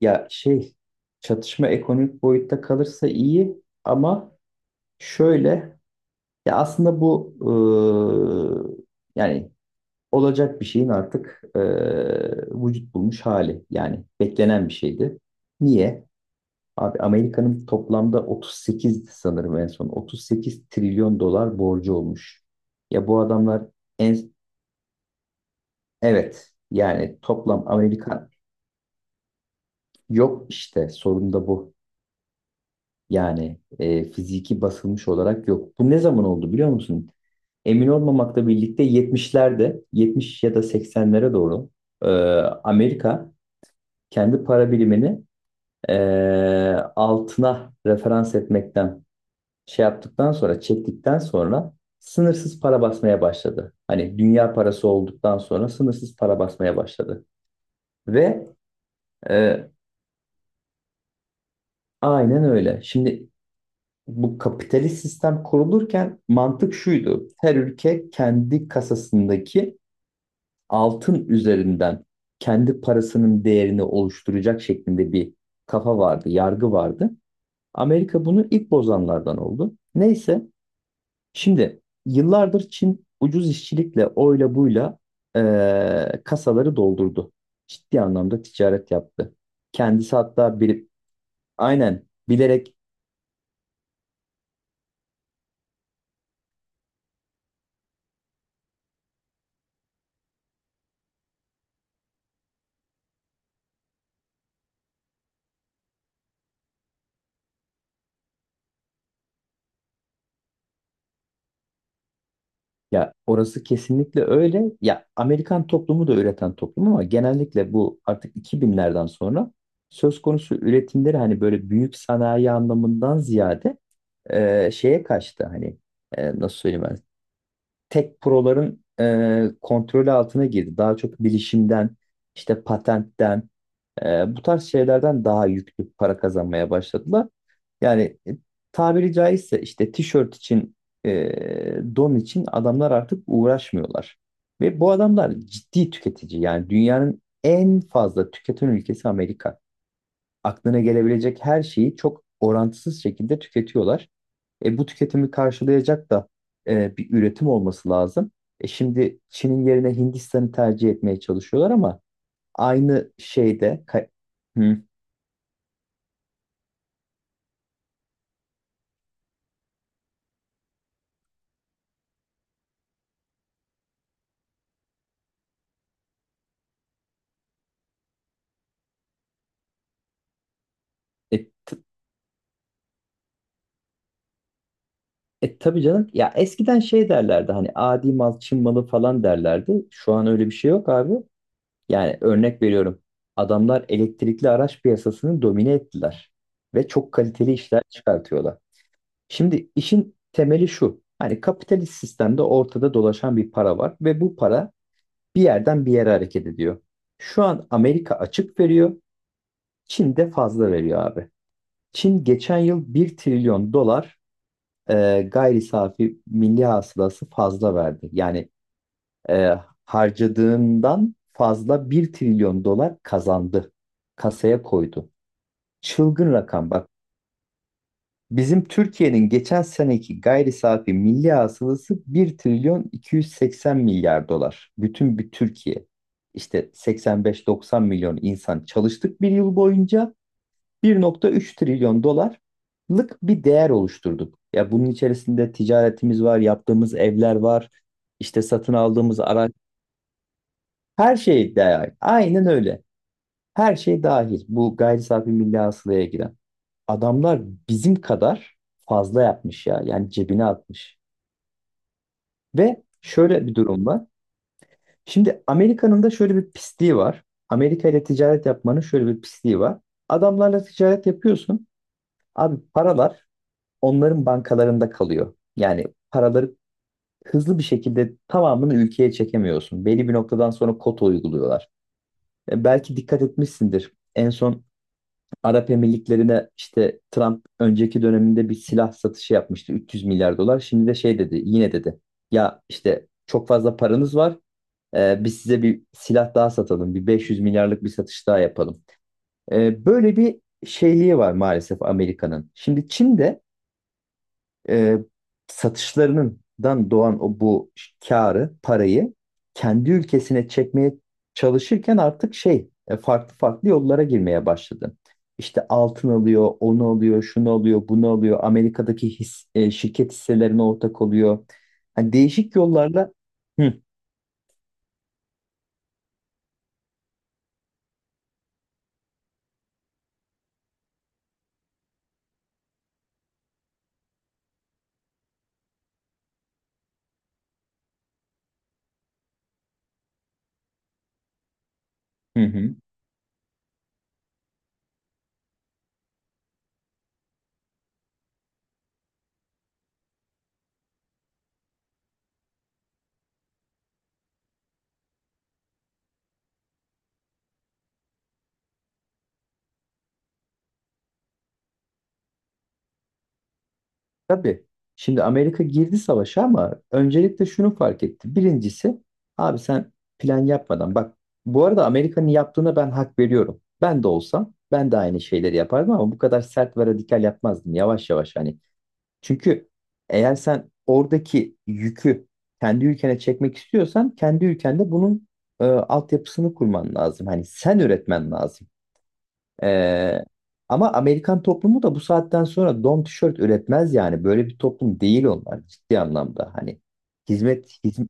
Ya şey Çatışma ekonomik boyutta kalırsa iyi ama şöyle, ya aslında bu yani olacak bir şeyin artık vücut bulmuş hali, yani beklenen bir şeydi. Niye? Abi Amerika'nın toplamda 38, sanırım en son 38 trilyon dolar borcu olmuş. Ya bu adamlar en evet, yani toplam Amerika yok işte, sorun da bu. Yani fiziki basılmış olarak yok. Bu ne zaman oldu biliyor musun? Emin olmamakla birlikte 70'lerde, 70 ya da 80'lere doğru e, Amerika kendi para birimini e, altına referans etmekten şey yaptıktan sonra, çektikten sonra sınırsız para basmaya başladı. Hani dünya parası olduktan sonra sınırsız para basmaya başladı. Ve e, aynen öyle. Şimdi bu kapitalist sistem kurulurken mantık şuydu. Her ülke kendi kasasındaki altın üzerinden kendi parasının değerini oluşturacak şeklinde bir kafa vardı, yargı vardı. Amerika bunu ilk bozanlardan oldu. Neyse, şimdi yıllardır Çin ucuz işçilikle, oyla buyla kasaları doldurdu. Ciddi anlamda ticaret yaptı. Kendisi hatta bir, aynen, bilerek. Ya orası kesinlikle öyle. Ya Amerikan toplumu da üreten toplum ama genellikle bu artık 2000'lerden sonra söz konusu üretimleri, hani böyle büyük sanayi anlamından ziyade şeye kaçtı, hani nasıl söyleyeyim ben, tek proların kontrolü altına girdi. Daha çok bilişimden, işte patentten, bu tarz şeylerden daha yüklü para kazanmaya başladılar. Yani tabiri caizse işte tişört için, e, don için adamlar artık uğraşmıyorlar. Ve bu adamlar ciddi tüketici. Yani dünyanın en fazla tüketen ülkesi Amerika. Aklına gelebilecek her şeyi çok orantısız şekilde tüketiyorlar. Bu tüketimi karşılayacak da bir üretim olması lazım. Şimdi Çin'in yerine Hindistan'ı tercih etmeye çalışıyorlar ama aynı şeyde... Hı. E, tabii canım ya, eskiden şey derlerdi, hani adi mal Çin malı falan derlerdi. Şu an öyle bir şey yok abi. Yani örnek veriyorum. Adamlar elektrikli araç piyasasını domine ettiler ve çok kaliteli işler çıkartıyorlar. Şimdi işin temeli şu. Hani kapitalist sistemde ortada dolaşan bir para var ve bu para bir yerden bir yere hareket ediyor. Şu an Amerika açık veriyor, Çin de fazla veriyor abi. Çin geçen yıl 1 trilyon dolar gayri safi milli hasılası fazla verdi. Yani e, harcadığından fazla 1 trilyon dolar kazandı. Kasaya koydu. Çılgın rakam bak. Bizim Türkiye'nin geçen seneki gayri safi milli hasılası 1 trilyon 280 milyar dolar. Bütün bir Türkiye. İşte 85-90 milyon insan çalıştık bir yıl boyunca. 1.3 trilyon dolarlık bir değer oluşturduk. Ya bunun içerisinde ticaretimiz var, yaptığımız evler var, işte satın aldığımız araç, her şey dahil. Aynen öyle. Her şey dahil. Bu gayri safi milli hasılaya giren. Adamlar bizim kadar fazla yapmış ya. Yani cebine atmış. Ve şöyle bir durum var. Şimdi Amerika'nın da şöyle bir pisliği var. Amerika ile ticaret yapmanın şöyle bir pisliği var. Adamlarla ticaret yapıyorsun. Abi paralar onların bankalarında kalıyor. Yani paraları hızlı bir şekilde tamamını ülkeye çekemiyorsun. Belli bir noktadan sonra kota uyguluyorlar. Belki dikkat etmişsindir. En son Arap Emirlikleri'ne işte Trump önceki döneminde bir silah satışı yapmıştı, 300 milyar dolar. Şimdi de şey dedi, yine dedi. Ya işte çok fazla paranız var. Biz size bir silah daha satalım. Bir 500 milyarlık bir satış daha yapalım. Böyle bir şeyliği var maalesef Amerika'nın. Şimdi Çin'de e, satışlarından doğan o bu karı, parayı kendi ülkesine çekmeye çalışırken artık farklı farklı yollara girmeye başladı. İşte altın alıyor, onu alıyor, şunu alıyor, bunu alıyor. Amerika'daki şirket hisselerine ortak oluyor. Hani değişik yollarla. Hı hı. Hı. Tabii. Şimdi Amerika girdi savaşa ama öncelikle şunu fark etti. Birincisi abi sen plan yapmadan, bak bu arada Amerika'nın yaptığına ben hak veriyorum. Ben de olsam ben de aynı şeyleri yapardım ama bu kadar sert ve radikal yapmazdım. Yavaş yavaş hani. Çünkü eğer sen oradaki yükü kendi ülkene çekmek istiyorsan kendi ülkende bunun altyapısını kurman lazım. Hani sen üretmen lazım. Ee, Ama Amerikan toplumu da bu saatten sonra don tişört üretmez yani. Böyle bir toplum değil onlar ciddi anlamda. Hani hizmet hizmet.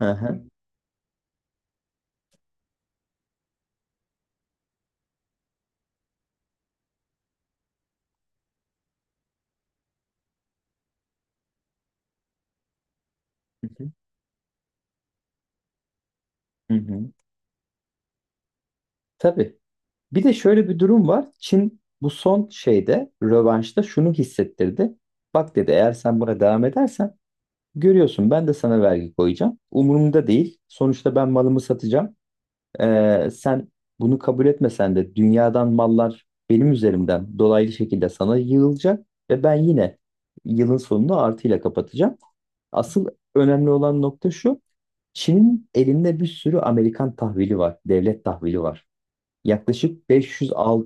Hı hı. Hı hı. Hı hı. Tabii. Bir de şöyle bir durum var. Çin bu son şeyde, rövanşta şunu hissettirdi. Bak dedi, eğer sen buna devam edersen görüyorsun ben de sana vergi koyacağım. Umurumda değil. Sonuçta ben malımı satacağım. Sen bunu kabul etmesen de dünyadan mallar benim üzerimden dolaylı şekilde sana yığılacak ve ben yine yılın sonunu artıyla kapatacağım. Asıl önemli olan nokta şu. Çin'in elinde bir sürü Amerikan tahvili var, devlet tahvili var. Yaklaşık 500 al.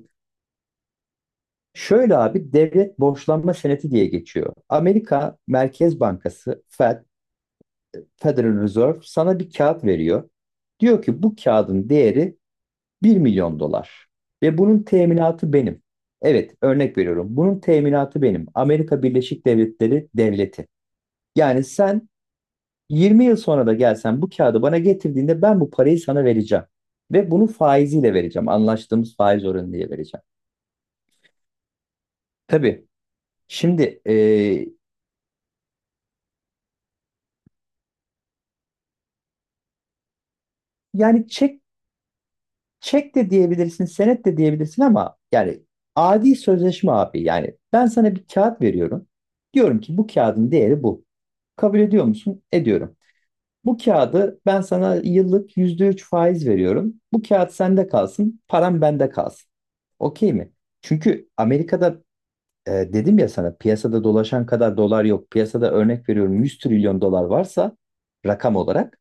Şöyle abi, devlet borçlanma senedi diye geçiyor. Amerika Merkez Bankası Fed, Federal Reserve sana bir kağıt veriyor. Diyor ki bu kağıdın değeri 1 milyon dolar ve bunun teminatı benim. Evet, örnek veriyorum. Bunun teminatı benim. Amerika Birleşik Devletleri devleti. Yani sen 20 yıl sonra da gelsen bu kağıdı bana getirdiğinde ben bu parayı sana vereceğim. Ve bunu faiziyle vereceğim. Anlaştığımız faiz oranı diye vereceğim. Tabii. Şimdi yani çek de diyebilirsin, senet de diyebilirsin ama yani adi sözleşme abi. Yani ben sana bir kağıt veriyorum. Diyorum ki bu kağıdın değeri bu. Kabul ediyor musun? Ediyorum. Bu kağıdı ben sana yıllık %3 faiz veriyorum. Bu kağıt sende kalsın, param bende kalsın. Okey mi? Çünkü Amerika'da dedim ya sana, piyasada dolaşan kadar dolar yok. Piyasada örnek veriyorum 100 trilyon dolar varsa rakam olarak,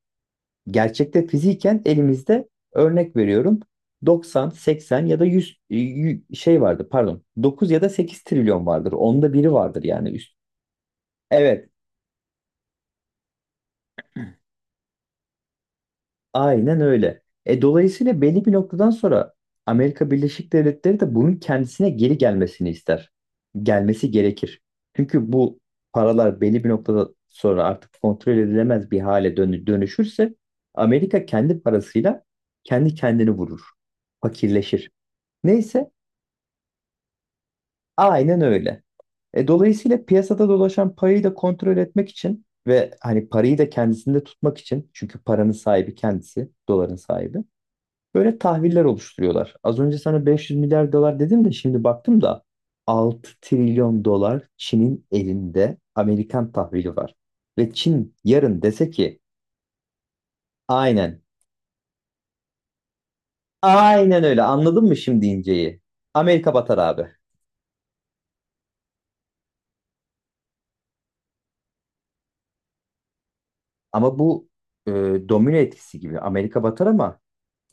gerçekte fiziken elimizde örnek veriyorum 90, 80 ya da 100 şey vardı pardon, 9 ya da 8 trilyon vardır. Onda biri vardır yani üst. Evet, aynen öyle. Dolayısıyla belli bir noktadan sonra Amerika Birleşik Devletleri de bunun kendisine geri gelmesini ister. Gelmesi gerekir. Çünkü bu paralar belli bir noktada sonra artık kontrol edilemez bir hale dönüşürse Amerika kendi parasıyla kendi kendini vurur. Fakirleşir. Neyse, aynen öyle. Dolayısıyla piyasada dolaşan parayı da kontrol etmek için ve hani parayı da kendisinde tutmak için, çünkü paranın sahibi kendisi, doların sahibi. Böyle tahviller oluşturuyorlar. Az önce sana 500 milyar dolar dedim de şimdi baktım da 6 trilyon dolar Çin'in elinde Amerikan tahvili var. Ve Çin yarın dese ki aynen, aynen öyle, anladın mı şimdi inceyi? Amerika batar abi. Ama bu e, domino etkisi gibi Amerika batar ama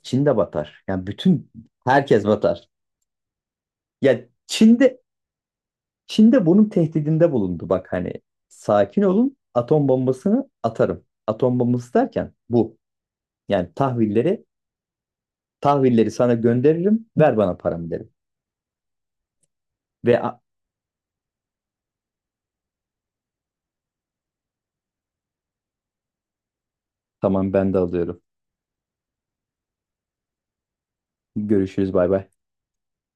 Çin de batar. Yani bütün herkes batar. Ya Çin'de Çin de bunun tehdidinde bulundu. Bak hani sakin olun, atom bombasını atarım. Atom bombası derken bu. Yani tahvilleri sana gönderirim, ver bana paramı derim. Ve "A- tamam, ben de alıyorum. Görüşürüz, bay bay.